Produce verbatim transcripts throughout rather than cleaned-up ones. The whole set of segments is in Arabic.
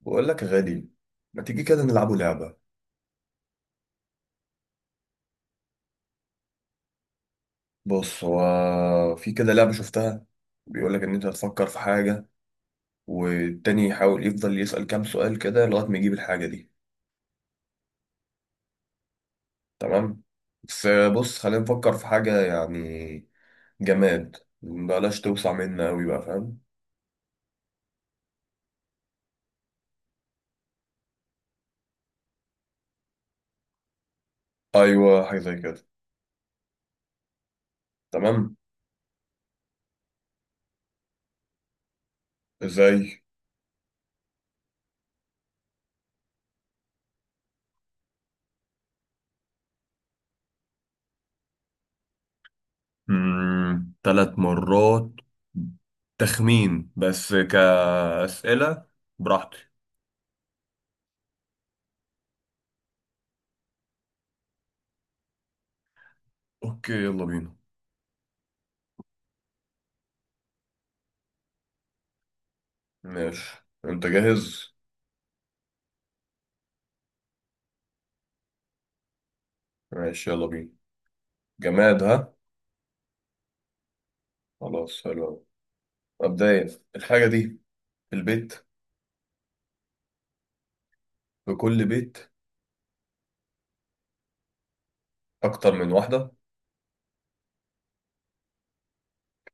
بقول لك يا غالي، ما تيجي كده نلعبوا لعبة؟ بص، هو في كده لعبة شفتها، بيقول لك ان انت تفكر في حاجة، والتاني يحاول يفضل يسأل كام سؤال كده لغاية ما يجيب الحاجة دي. تمام. بس بص خلينا نفكر في حاجة يعني جماد، بلاش توسع منا قوي، بقى فاهم؟ ايوه، حاجة زي كده. تمام. ازاي؟ امم ثلاث مرات تخمين بس كأسئلة؟ براحتي. اوكي يلا بينا. ماشي، انت جاهز؟ ماشي يلا بينا. جماد، ها. خلاص، حلو أوي. مبدئيا الحاجة دي في البيت، في كل بيت، أكتر من واحدة،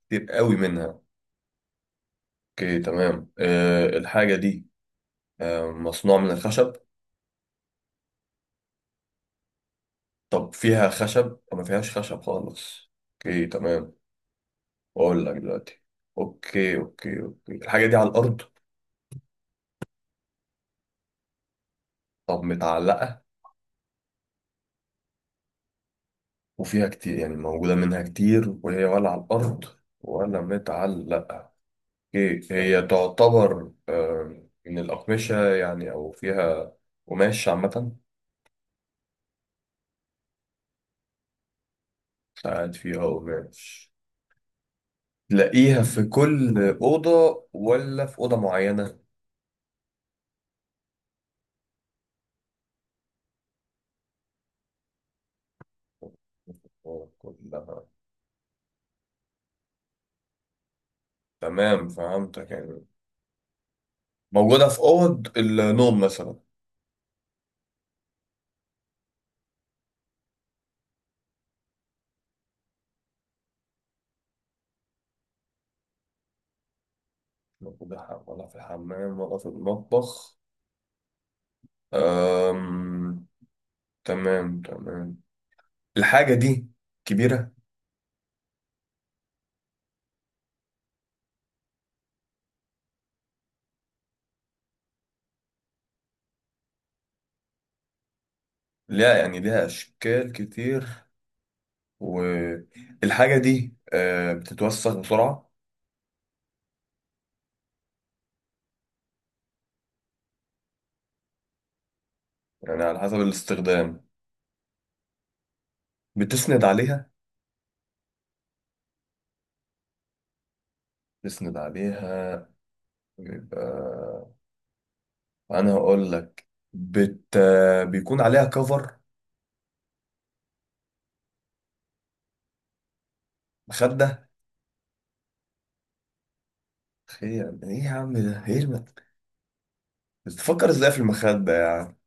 كتير قوي منها. أوكي تمام. أه الحاجة دي أه مصنوع من الخشب؟ طب فيها خشب أو ما فيهاش خشب خالص؟ أوكي تمام. أقول لك دلوقتي. أوكي أوكي أوكي، الحاجة دي على الأرض؟ طب متعلقة؟ وفيها كتير، يعني موجودة منها كتير، وهي ولا على الأرض ولا متعلقة. هي هي تعتبر آه، من الأقمشة يعني، أو فيها قماش عامة؟ ساعات فيها قماش. تلاقيها في كل أوضة ولا في أوضة معينة؟ كلها. تمام، فهمتك، يعني موجودة في أوض النوم مثلا. موجودة ح- ولا في الحمام ولا في المطبخ. أم... تمام تمام. الحاجة دي كبيرة؟ لا، يعني ليها أشكال كتير. والحاجة دي آه، بتتوسخ بسرعة؟ يعني على حسب الاستخدام، بتسند عليها. بتسند عليها، بيبقى، أنا هقول لك، بت... بيكون عليها كفر، مخدة. خير إيه يا عم، ده إيه الم... بتفكر إزاي في المخدة يعني؟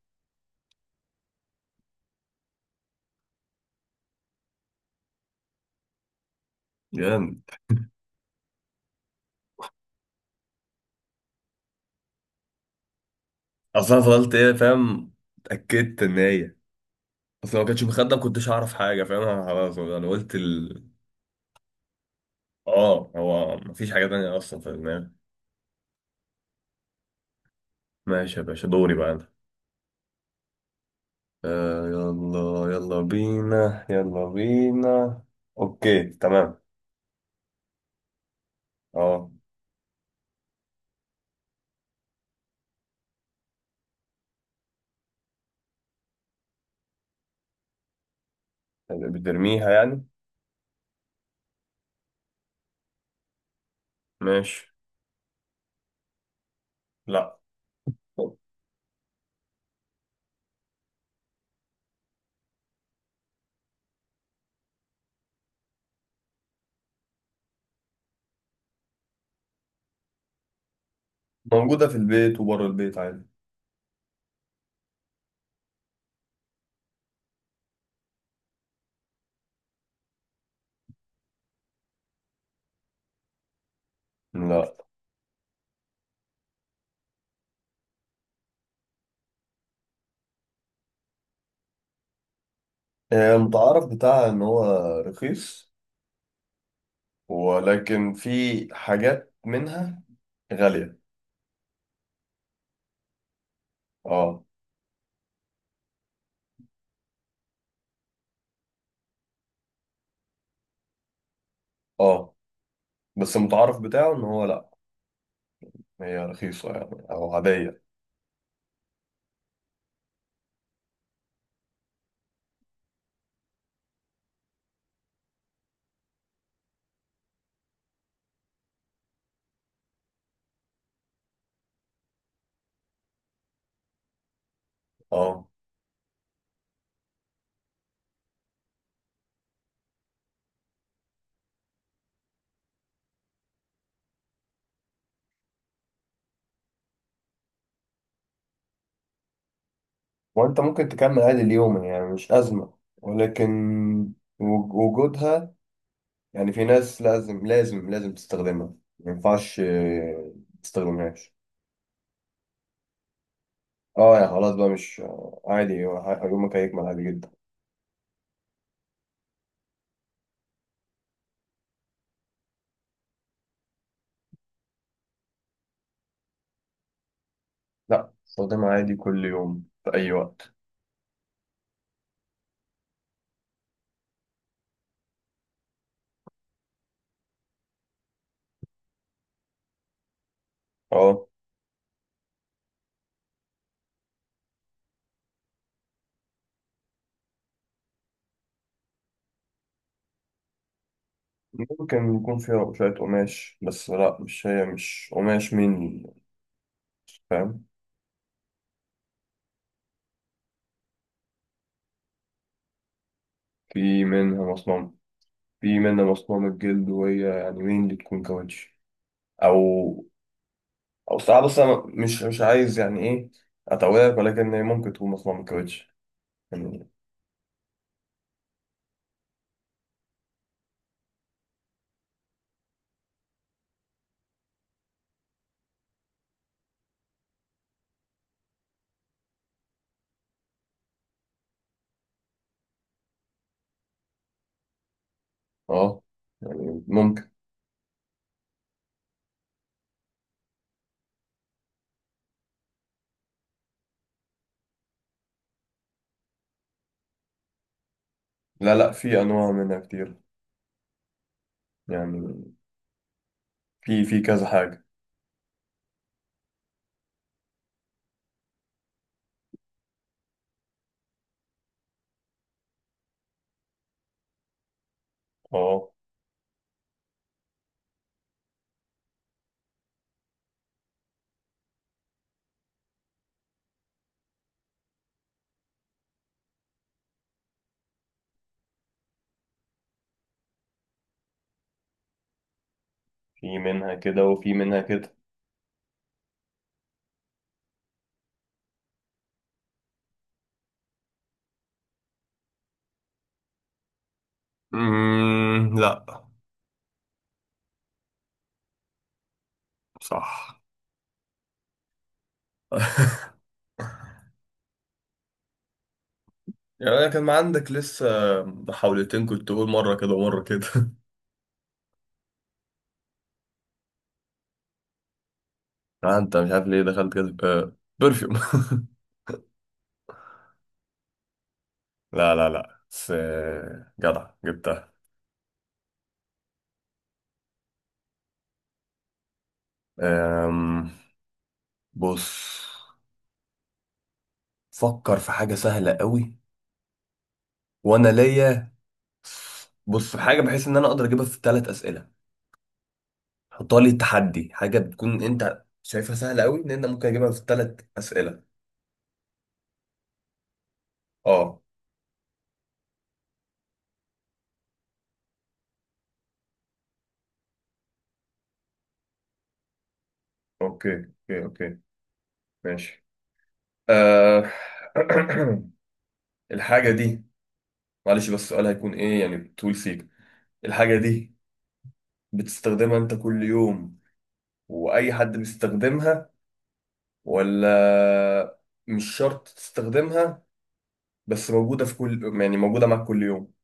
جامد. أصل أنا فضلت إيه فاهم، اتأكدت إن هي، أصل لو ما كانتش مخدة ما كنتش أعرف حاجة فاهم، أنا خلاص أنا قلت ال... آه هو مفيش حاجة تانية أصلا في دماغي. ماشي يا باشا، دوري بقى أنا. آه يلا، يلا بينا يلا بينا. اوكي تمام. اه، بترميها يعني. ماشي. لا، موجودة في البيت وبره البيت عادي. لا. آه، المتعارف بتاعها ان هو رخيص، ولكن في حاجات منها غالية. اه. اه، بس المتعارف بتاعه ان هو لا، هي رخيصة يعني او عادية. اه. وانت ممكن تكمل عادي اليوم يعني، مش أزمة، ولكن وج- وجودها، يعني في ناس لازم لازم لازم تستخدمها، ما ينفعش آه، ما تستخدمهاش. اه يعني خلاص بقى، مش آه، عادي، يومك هيكمل عادي جدا. لا، استخدمها عادي كل يوم في اي وقت. اه. ممكن يكون فيها شوية قماش، بس لا، مش هي مش قماش مني، فاهم. في منها مصنوع، في منها مصنوع من الجلد، وهي يعني مين اللي تكون كاوتش او، او ساعات، بس انا مش مش عايز يعني ايه اتوهك، ولكن هي ممكن تكون مصنوع من الكاوتش يعني. اه يعني ممكن. لا لا، في انواع منها كتير يعني. في في كذا حاجة. اه. في منها كده وفي منها كده. امم لا. صح. يعني انا كان عندك لسه محاولتين، كنت تقول مرة كده ومرة كده. آه، انت مش عارف ليه دخلت كده آه برفيوم. لا لا لا، بس آه، جدع جبتها. أم، بص، فكر في حاجة سهلة قوي، وانا ليا. بص، في حاجة بحيث ان انا اقدر اجيبها في ثلاث اسئلة، حطها لي تحدي، حاجه بتكون انت شايفها سهله قوي ان انت ممكن اجيبها في ثلاث اسئله. اه. اوكي اوكي اوكي، ماشي. آه... الحاجه دي، معلش بس السؤال هيكون ايه يعني طول سيك؟ الحاجه دي بتستخدمها انت كل يوم واي حد بيستخدمها، ولا مش شرط تستخدمها بس موجوده في كل، يعني موجوده معاك كل يوم؟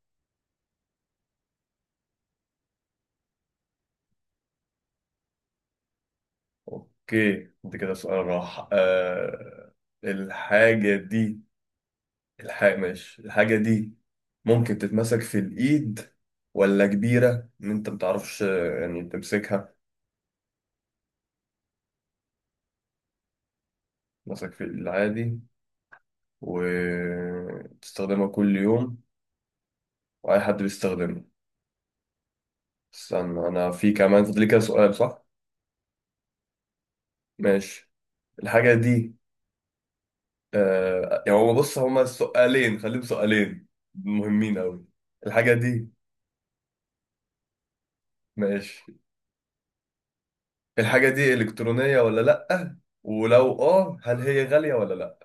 اوكي انت كده سؤال راح. آه... الحاجه دي، الحاجة ماشي، الحاجة دي ممكن تتمسك في الإيد، ولا كبيرة إن أنت متعرفش يعني تمسكها؟ تمسك في العادي، وتستخدمها كل يوم، وأي حد بيستخدمها. استنى أنا، في كمان فاضل لي كده سؤال صح؟ ماشي. الحاجة دي، آه يعني هو بص هما سؤالين، خليهم سؤالين مهمين أوي. الحاجة دي، ماشي، الحاجة دي إلكترونية ولا لأ؟ ولو آه هل هي غالية ولا لأ؟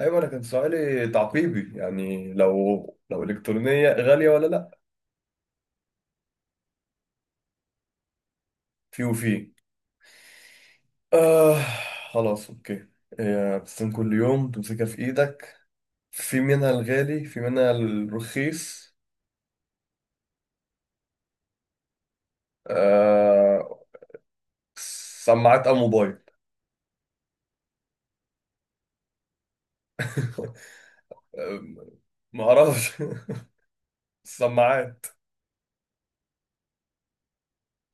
ايوه، انا كان سؤالي تعقيبي يعني، لو لو الكترونيه غاليه ولا لا. في وفي. آه، خلاص اوكي. آه، بتستخدم كل يوم، تمسكها في ايدك، في منها الغالي في منها الرخيص. آه، سماعات او موبايل. آه، ما اعرفش. سماعات.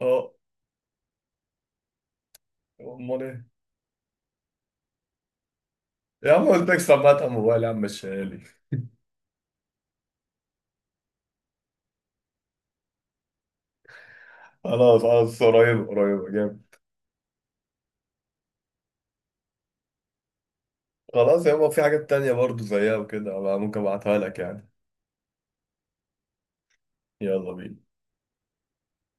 اه. امال ايه؟ يا عم قلت لك سماعات او موبايل، يا عم مش غالي. خلاص خلاص، قريبة قريبة جامد. خلاص يابا، في حاجات تانية برضو زيها وكده أبقى ممكن ابعتها لك يعني. يلا بينا.